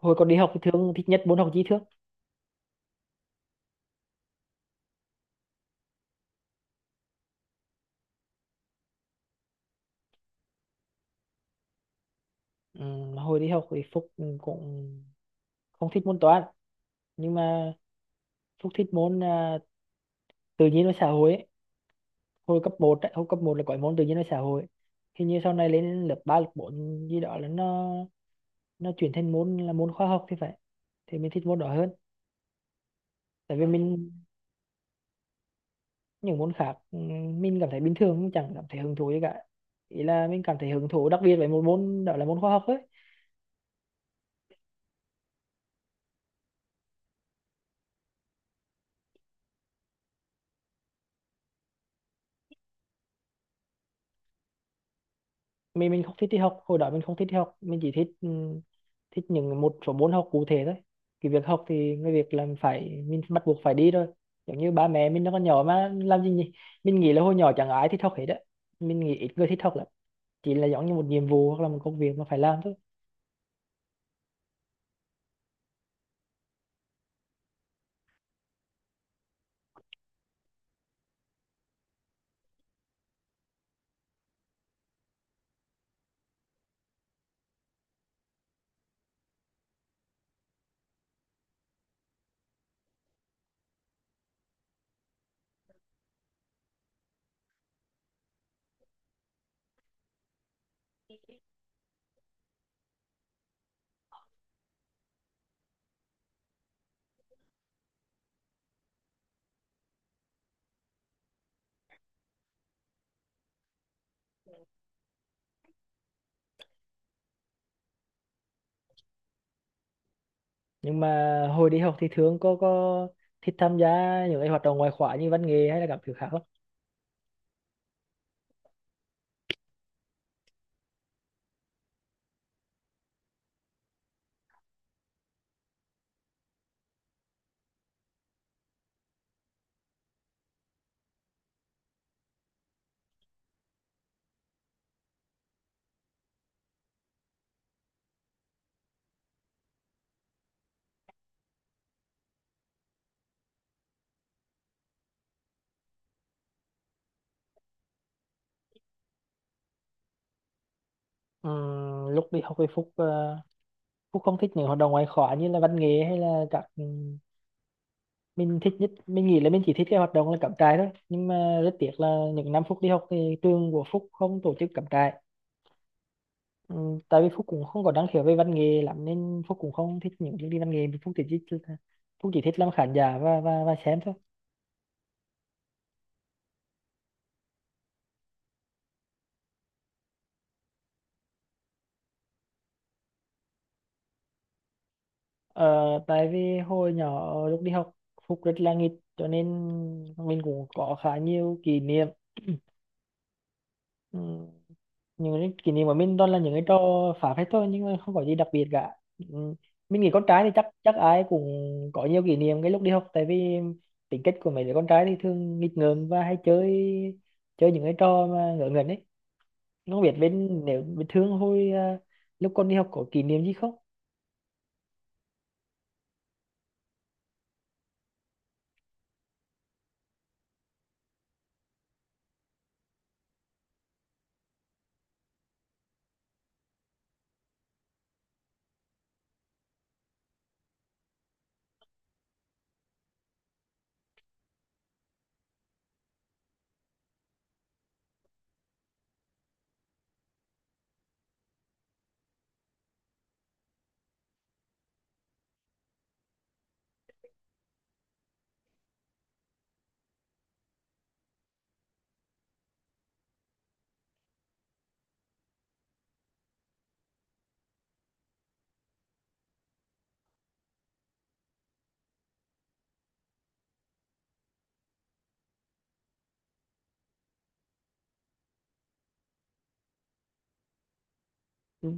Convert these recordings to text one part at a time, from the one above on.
Hồi còn đi học thì thường thích nhất môn học tri thức. Hồi đi học thì Phúc cũng không thích môn toán, nhưng mà Phúc thích môn tự nhiên và xã hội ấy. Hồi cấp một ấy, hồi cấp một là có cái môn tự nhiên và xã hội. Hình như sau này lên lớp 3 lớp 4 gì đó là nó chuyển thành môn là môn khoa học thì phải, thì mình thích môn đó hơn. Tại vì mình, những môn khác mình cảm thấy bình thường, mình chẳng cảm thấy hứng thú gì cả. Ý là mình cảm thấy hứng thú đặc biệt với một môn đó là môn khoa học ấy. Mình không thích đi học, hồi đó mình không thích đi học, mình chỉ thích thích những một số môn học cụ thể thôi. Cái việc học thì cái việc làm phải mình bắt buộc phải đi thôi. Giống như ba mẹ mình nó còn nhỏ mà làm gì nhỉ. Mình nghĩ là hồi nhỏ chẳng ai thích học hết á, mình nghĩ ít người thích học lắm, chỉ là giống như một nhiệm vụ hoặc là một công việc mà phải làm thôi. Nhưng mà hồi đi học thì thường có thích tham gia những cái hoạt động ngoại khóa như văn nghệ hay là các thứ khác lắm. Lúc đi học thì Phúc không thích những hoạt động ngoại khóa như là văn nghệ hay là các, mình thích nhất, mình nghĩ là mình chỉ thích cái hoạt động là cắm trại thôi, nhưng mà rất tiếc là những năm Phúc đi học thì trường của Phúc không tổ chức cắm trại. ừ, Tại vì Phúc cũng không có năng khiếu về văn nghệ lắm nên Phúc cũng không thích những chương trình văn nghệ, Phúc chỉ thích, Phúc chỉ thích làm khán giả và và xem thôi. ờ, Tại vì hồi nhỏ lúc đi học Phúc rất là nghịch, cho nên mình cũng có khá nhiều kỷ niệm. Ừ. Những cái kỷ niệm của mình toàn là những cái trò phá phách thôi, nhưng mà không có gì đặc biệt cả. Ừ, mình nghĩ con trai thì chắc chắc ai cũng có nhiều kỷ niệm cái lúc đi học, tại vì tính cách của mấy đứa con trai thì thường nghịch ngợm và hay chơi, chơi những cái trò mà ngớ ngẩn ấy. Không biết bên Thương hồi lúc con đi học có kỷ niệm gì không. Ừ.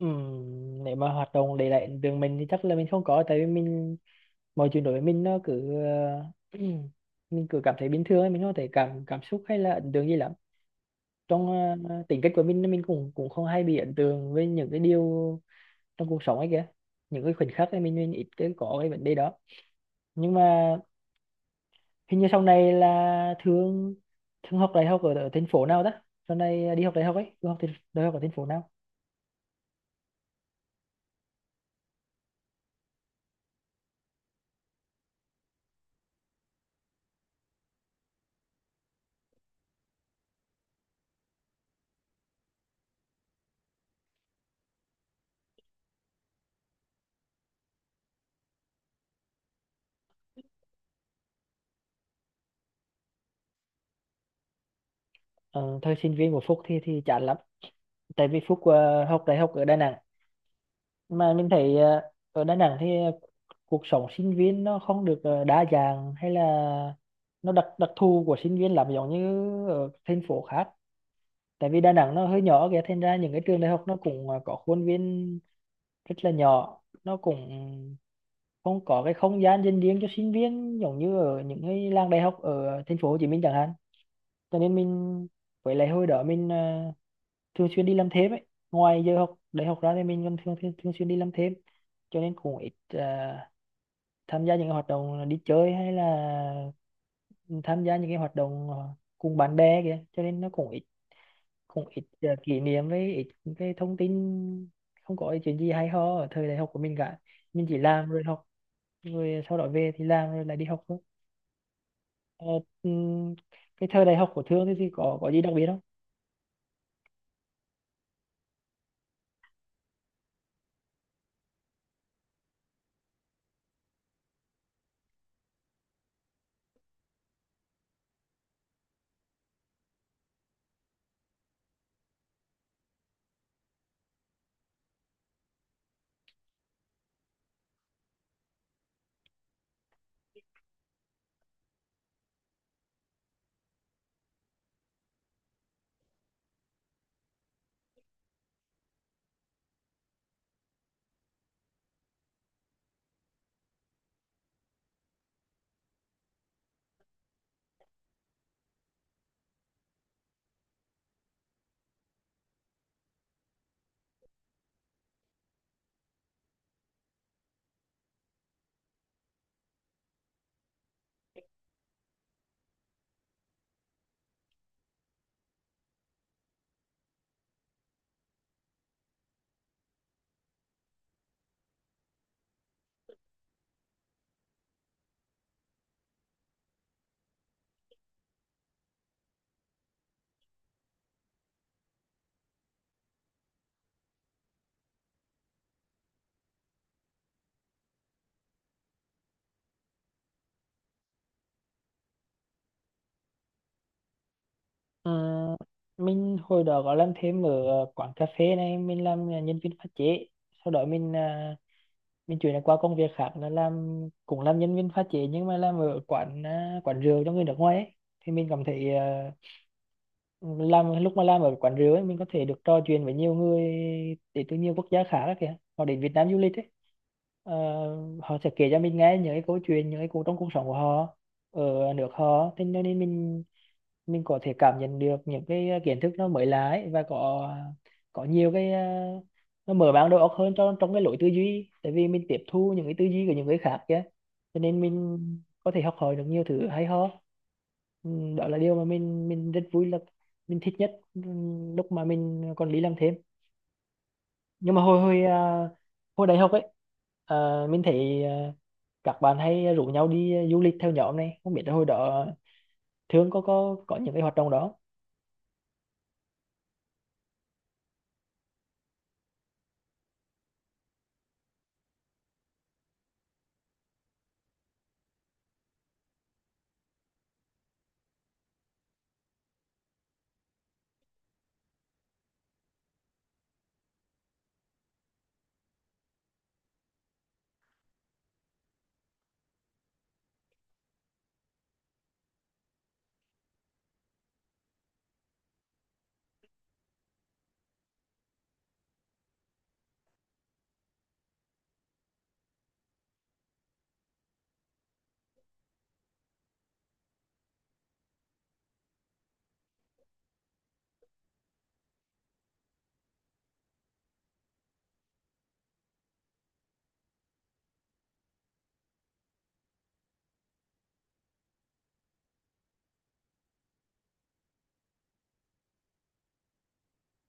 Ừ. Nếu mà hoạt động để lại trường mình thì chắc là mình không có, tại vì mình, mọi chuyện đối với mình nó cứ mình cứ cảm thấy bình thường ấy, mình không thể cảm, cảm xúc hay là ấn tượng gì lắm trong, tính cách của mình cũng cũng không hay bị ấn tượng với những cái điều trong cuộc sống ấy kìa, những cái khoảnh khắc ấy mình ít cái có cái vấn đề đó. Nhưng mà hình như sau này là thương thương học đại học ở, ở thành phố nào đó, sau này đi học đại học ấy Thương học thì- đại học ở thành phố nào? Ờ, Thời sinh viên của Phúc thì chán lắm, tại vì Phúc học đại học ở Đà Nẵng. Mà mình thấy ở Đà Nẵng thì cuộc sống sinh viên nó không được đa dạng hay là, nó đặc đặc thù của sinh viên làm giống như ở thành phố khác. Tại vì Đà Nẵng nó hơi nhỏ kìa, thành ra những cái trường đại học nó cũng có khuôn viên rất là nhỏ, nó cũng không có cái không gian dành riêng cho sinh viên giống như ở những cái làng đại học ở thành phố Hồ Chí Minh chẳng hạn. Cho nên mình, với lại hồi đó mình thường xuyên đi làm thêm ấy, ngoài giờ học đại học ra thì mình còn thường thường, thường xuyên đi làm thêm. Cho nên cũng ít tham gia những cái hoạt động đi chơi hay là tham gia những cái hoạt động cùng bạn bè kìa, cho nên nó cũng ít, cũng ít kỷ niệm với ít những cái thông tin. Không có cái chuyện gì hay ho ở thời đại học của mình cả, mình chỉ làm rồi học, rồi sau đó về thì làm rồi lại đi học thôi. ờ, ừm, cái thời đại học của Thương thì có gì đặc biệt không? Ờ, mình hồi đó có làm thêm ở quán cà phê này, mình làm nhân viên pha chế. Sau đó mình chuyển qua công việc khác là làm, cũng làm nhân viên pha chế nhưng mà làm ở quán rượu cho người nước ngoài ấy. Thì mình cảm thấy làm lúc mà làm ở quán rượu ấy, mình có thể được trò chuyện với nhiều người đến từ nhiều quốc gia khác ấy kìa, họ đến Việt Nam du lịch ấy. Ờ, họ sẽ kể cho mình nghe những cái câu chuyện, những cái câu trong cuộc sống của họ ở nước họ thế, cho nên mình có thể cảm nhận được những cái kiến thức nó mới lạ ấy, và có nhiều cái nó mở mang đầu óc hơn trong trong cái lối tư duy, tại vì mình tiếp thu những cái tư duy của những người khác kia, cho nên mình có thể học hỏi được nhiều thứ hay ho. Ừ, đó là điều mà mình rất vui, là mình thích nhất, lúc mà mình còn đi làm thêm. Nhưng mà hồi hồi à, hồi đại học ấy, à, mình thấy các bạn hay rủ nhau đi du lịch theo nhóm này, không biết là hồi đó Thương có có những cái hoạt động đó.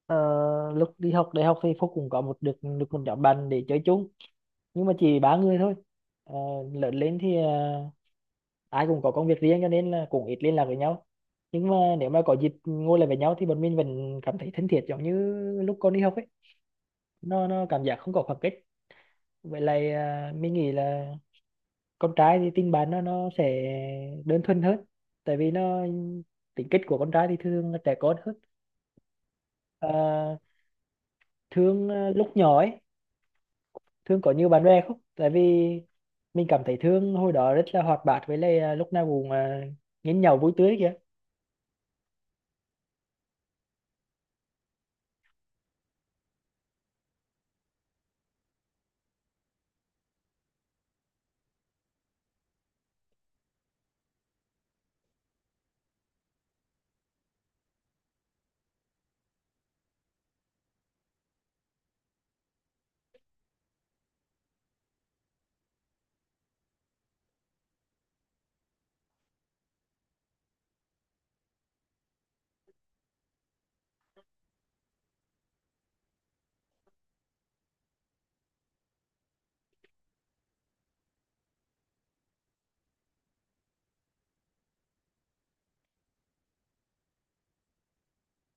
Ờ, lúc đi học đại học thì Phúc cũng có một, được được một nhóm bạn để chơi chung nhưng mà chỉ ba người thôi. Ờ, lớn lên thì ai cũng có công việc riêng cho nên là cũng ít liên lạc với nhau. Nhưng mà nếu mà có dịp ngồi lại với nhau thì bọn mình vẫn cảm thấy thân thiết giống như lúc còn đi học ấy, nó cảm giác không có khoảng cách. Vậy là mình nghĩ là con trai thì tình bạn nó sẽ đơn thuần hơn, tại vì nó, tính cách của con trai thì thường là trẻ con hơn. Ờ, lúc nhỏ ấy, Thương có nhiều bạn bè không? Tại vì mình cảm thấy Thương hồi đó rất là hoạt bát, với lại lúc nào cũng nhẽn nhẽo vui tươi kìa.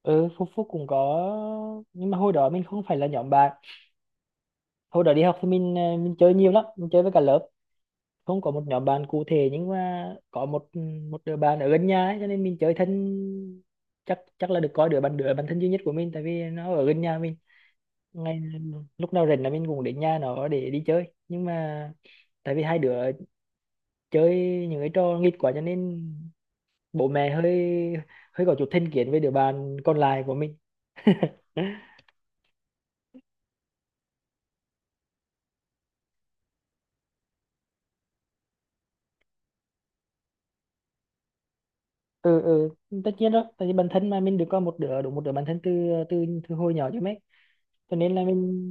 Ừ, Phúc Phúc cũng có, nhưng mà hồi đó mình không phải là nhóm bạn. Hồi đó đi học thì mình chơi nhiều lắm, mình chơi với cả lớp. Không có một nhóm bạn cụ thể nhưng mà có một, một đứa bạn ở gần nhà ấy, cho nên mình chơi thân, chắc chắc là được coi đứa bạn thân duy nhất của mình tại vì nó ở gần nhà mình. Ngày lúc nào rảnh là mình cũng đến nhà nó để đi chơi. Nhưng mà tại vì hai đứa chơi những cái trò nghịch quá, cho nên bố mẹ hơi, hơi có chút thành kiến với đứa bạn còn lại của mình. Ừ, ừ, tất nhiên đó, tại vì bản thân mà mình được có một đứa, đúng một đứa bản thân từ, từ hồi nhỏ chứ mấy, cho nên là mình.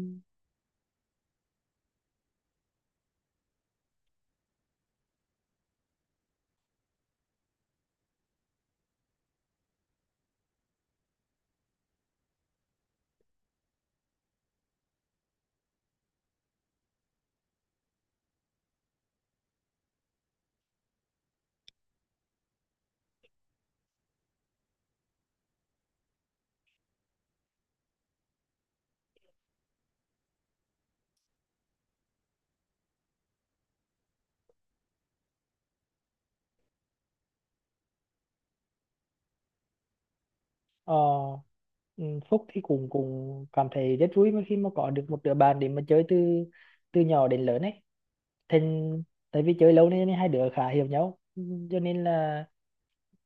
ờ, ừ, Phúc thì cũng cũng cảm thấy rất vui mà khi mà có được một đứa bạn để mà chơi từ, từ nhỏ đến lớn ấy, thành, tại vì chơi lâu nên hai đứa khá hiểu nhau. Ừ, cho nên là,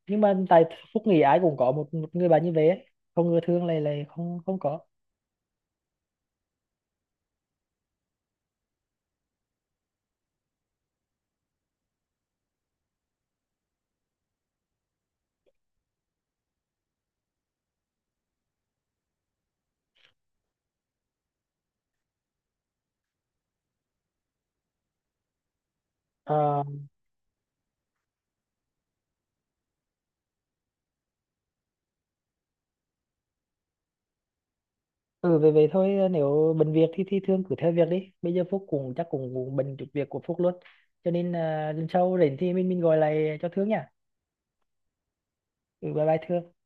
nhưng mà tại Phúc nghĩ ai cũng có một, một người bạn như vậy ấy. Không ngừa Thương này lại lại không không có. Ừ về về thôi, nếu bận việc thì Thương cứ theo việc đi, bây giờ Phúc cũng chắc cũng bận chút việc của Phúc luôn, cho nên lần sau rảnh thì mình gọi lại cho Thương nha. Ừ, bye bye Thương.